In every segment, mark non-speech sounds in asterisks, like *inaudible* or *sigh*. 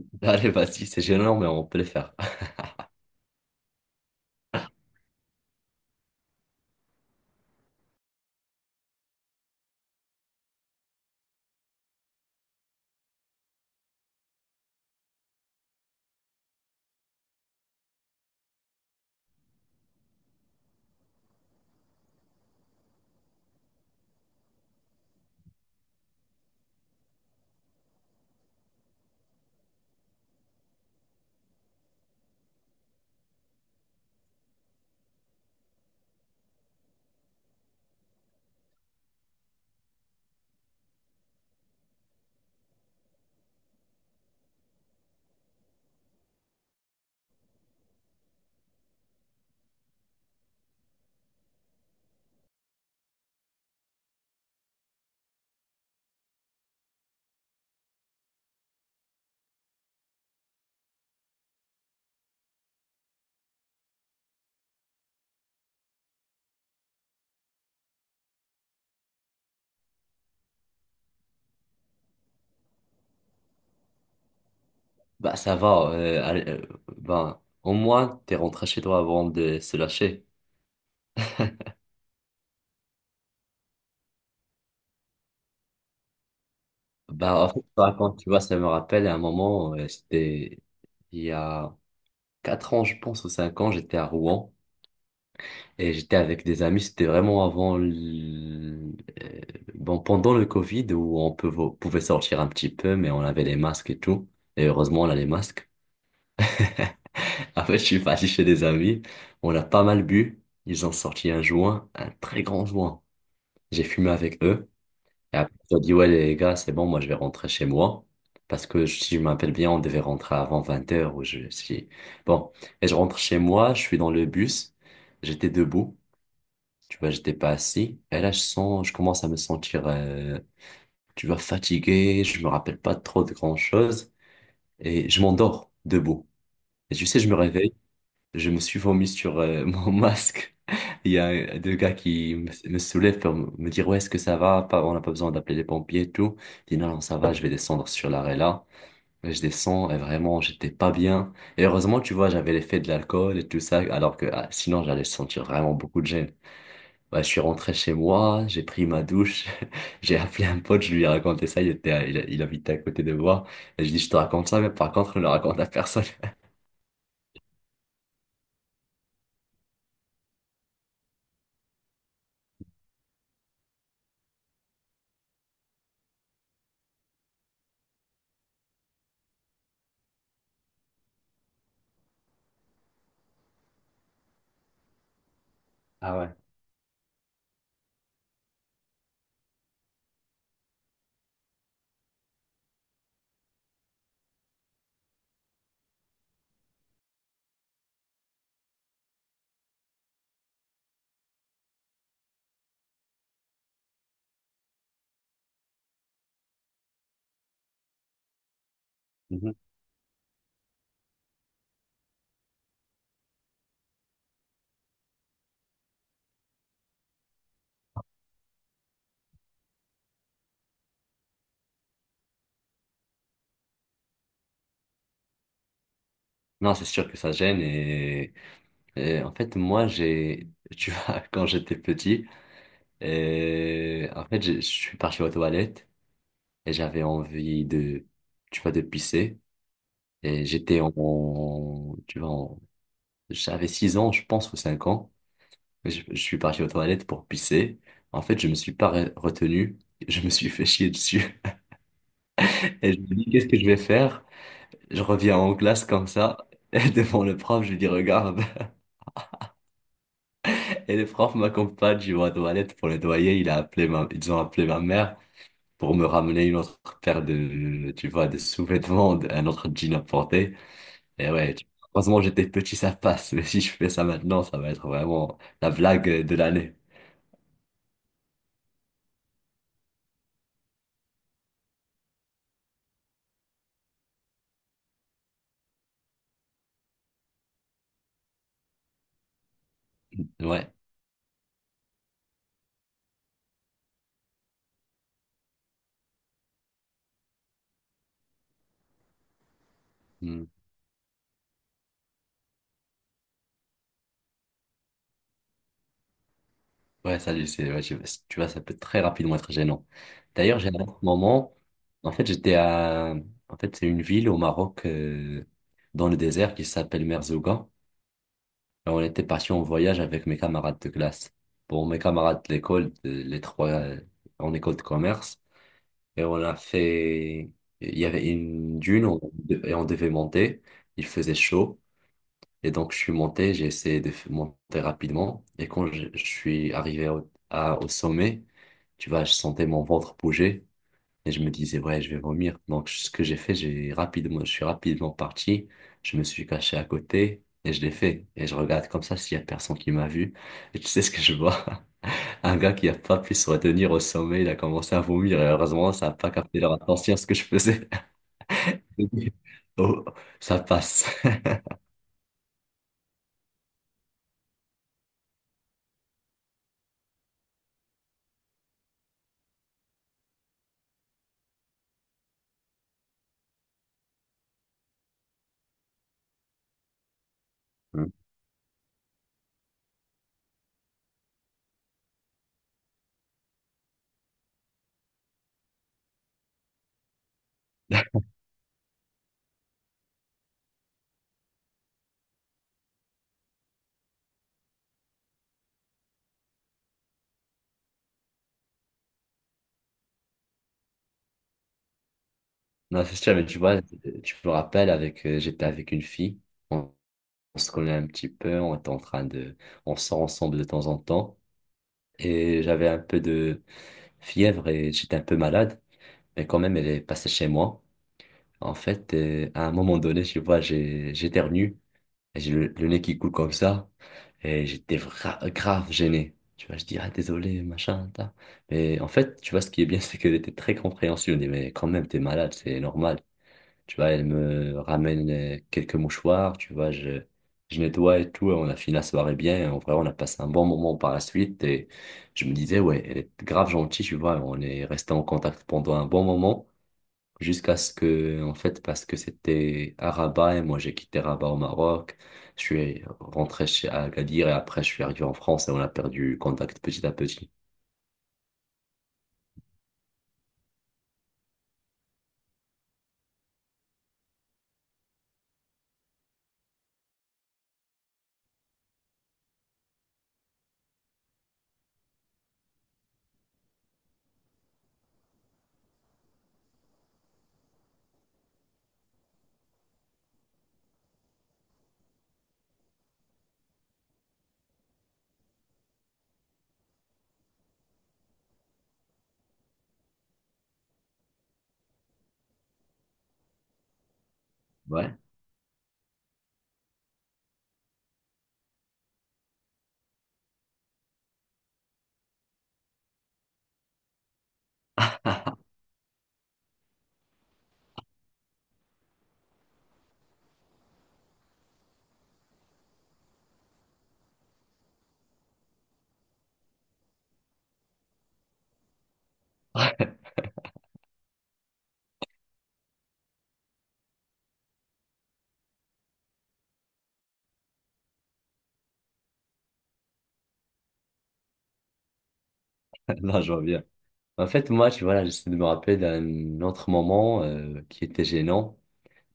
*laughs* Allez, vas-y, c'est gênant, mais on peut le faire. *laughs* Bah, ça va. Allez, bah, au moins, t'es rentré chez toi avant de se lâcher. Bah, en fait, bah, quand tu vois, ça me rappelle à un moment, c'était il y a 4 ans, je pense, ou 5 ans. J'étais à Rouen et j'étais avec des amis. C'était vraiment avant, euh, bon, pendant le Covid où pouvait sortir un petit peu, mais on avait les masques et tout. Et heureusement, on a les masques. *laughs* En fait, je suis parti chez des amis. On a pas mal bu. Ils ont sorti un joint, un très grand joint. J'ai fumé avec eux. Et après, ils ont dit, ouais, les gars, c'est bon, moi, je vais rentrer chez moi. Parce que si je m'appelle bien, on devait rentrer avant 20 h ou je si. Bon. Et je rentre chez moi, je suis dans le bus. J'étais debout. Tu vois, j'étais pas assis. Et là, je sens, je commence à me sentir, tu vois, fatigué. Je me rappelle pas trop de grand chose. Et je m'endors debout. Et tu sais, je me réveille. Je me suis vomi sur *laughs* mon masque. Il y a deux gars qui me soulèvent pour me dire, ouais, est-ce que ça va? Pas, on n'a pas besoin d'appeler les pompiers et tout. Je dis, non, non, ça va, je vais descendre sur l'arrêt là. Et je descends et vraiment, j'étais pas bien. Et heureusement, tu vois, j'avais l'effet de l'alcool et tout ça, alors que ah, sinon, j'allais sentir vraiment beaucoup de gêne. Ouais, je suis rentré chez moi, j'ai pris ma douche, *laughs* j'ai appelé un pote, je lui ai raconté ça, il habitait à côté de moi. Et je dis, je te raconte ça, mais par contre, ne le raconte à personne. Ah, ouais. Non, c'est sûr que ça gêne, et en fait moi j'ai tu vois, *laughs* quand j'étais petit, et en fait j'ai je suis parti aux toilettes et j'avais envie de, tu vois, de pisser, et j'étais en en- tu vois en- j'avais 6 ans je pense, ou 5 ans. Je suis parti aux toilettes pour pisser. En fait je me suis pas re- retenu, *laughs* je me suis fait chier dessus. *laughs* Et je me dis, qu'est-ce que je vais faire? Je reviens en classe comme ça, *laughs* et devant le prof je lui dis, regarde. Et le prof m'accompagne, je vais aux toilettes pour nettoyer. Il a appelé ma... Ils ont appelé ma mère pour me ramener une autre paire de, tu vois, de sous-vêtements, un autre jean à porter. Et ouais, heureusement, j'étais petit, ça passe. *laughs* Mais si je fais ça maintenant, ça va être vraiment la blague de l'année. Ouais. Hmm. Ouais, ça, je sais. Tu vois, ça peut très rapidement être gênant. D'ailleurs, j'ai un autre moment. En fait, j'étais à... En fait, c'est une ville au Maroc, dans le désert, qui s'appelle Merzouga. Alors, on était parti en voyage avec mes camarades de classe. Pour mes camarades de l'école, les trois en école de commerce. Et on a fait... Il y avait une dune et on devait monter. Il faisait chaud. Et donc, je suis monté. J'ai essayé de monter rapidement. Et quand je suis arrivé au sommet, tu vois, je sentais mon ventre bouger. Et je me disais, ouais, je vais vomir. Donc, ce que j'ai fait, je suis rapidement parti. Je me suis caché à côté et je l'ai fait. Et je regarde comme ça s'il y a personne qui m'a vu. Et tu sais ce que je vois? *laughs* Un gars qui a pas pu se retenir au sommet, il a commencé à vomir. Et heureusement, ça n'a pas capté leur attention à ce que je faisais. *laughs* Oh, ça passe. *laughs* Hmm. Non, c'est sûr, mais tu vois, tu me rappelles avec, j'étais avec une fille. On, on se connaît un petit peu. On était en train de, on sort ensemble de temps en temps. Et j'avais un peu de fièvre et j'étais un peu malade, mais quand même, elle est passée chez moi. En fait, et à un moment donné, tu vois, j'éternue et j'ai le nez qui coule comme ça, et j'étais grave gêné. Tu vois, je dis, ah, désolé, machin, ta. Mais en fait, tu vois, ce qui est bien, *laughs* c'est qu'elle était très compréhensive. Elle dit, mais quand même, t'es malade, c'est normal. Tu vois, elle me ramène quelques mouchoirs, tu vois, je nettoie et tout, et on a fini la soirée bien. Et En vrai, on a passé un bon moment par la suite, et je me disais, ouais, elle est grave gentille. Tu vois, on est resté en contact pendant un bon moment, jusqu'à ce que, en fait, parce que c'était à Rabat et moi j'ai quitté Rabat au Maroc, je suis rentré chez Agadir, et après je suis arrivé en France, et on a perdu contact petit à petit. Ouais. *laughs* Non, je vois bien. En fait, moi, tu vois, là, j'essaie de me rappeler d'un autre moment qui était gênant.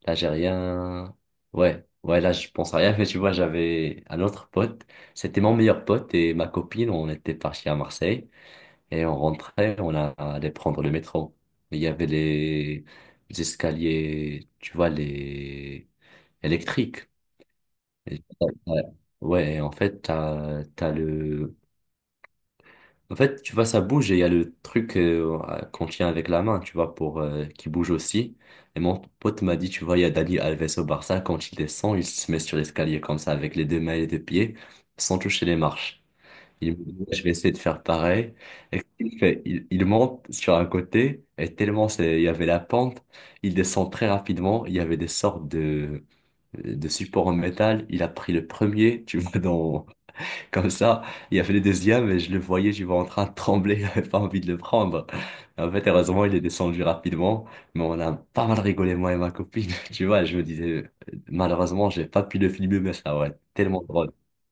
Là, j'ai rien. Ouais, ouais, là, je pense à rien, mais tu vois, j'avais un autre pote. C'était mon meilleur pote et ma copine. On était partis à Marseille et on rentrait, allait prendre le métro. Il y avait les escaliers, tu vois, les électriques. Et- Ouais. Ouais, en fait, t'as le, en fait, tu vois, ça bouge et il y a le truc qu'on tient avec la main, tu vois, pour qui bouge aussi. Et mon pote m'a dit, tu vois, il y a Dani Alves au Barça, quand il descend, il se met sur l'escalier comme ça, avec les deux mains et les deux pieds, sans toucher les marches. Il me dit, je vais essayer de faire pareil. Et qu'est-ce qu'il fait? Il monte sur un côté, et tellement c'est, il y avait la pente, il descend très rapidement, il y avait des sortes de supports en métal. Il a pris le premier, tu vois, dans. Comme ça, il a fait le deuxième et je le voyais, je vois en train de trembler, *laughs* j'avais pas envie de le prendre. En fait, heureusement, il est descendu rapidement, mais on a pas mal rigolé, moi et ma copine. *laughs* Tu vois, je me disais, malheureusement, j'ai pas pu le filmer, mais ça aurait été tellement drôle. *laughs*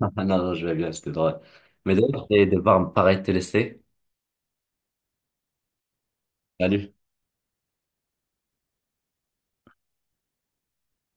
Ah, non, non, je vais bien, c'était drôle. Mais d'ailleurs, je vais devoir me paraître te laisser. Salut.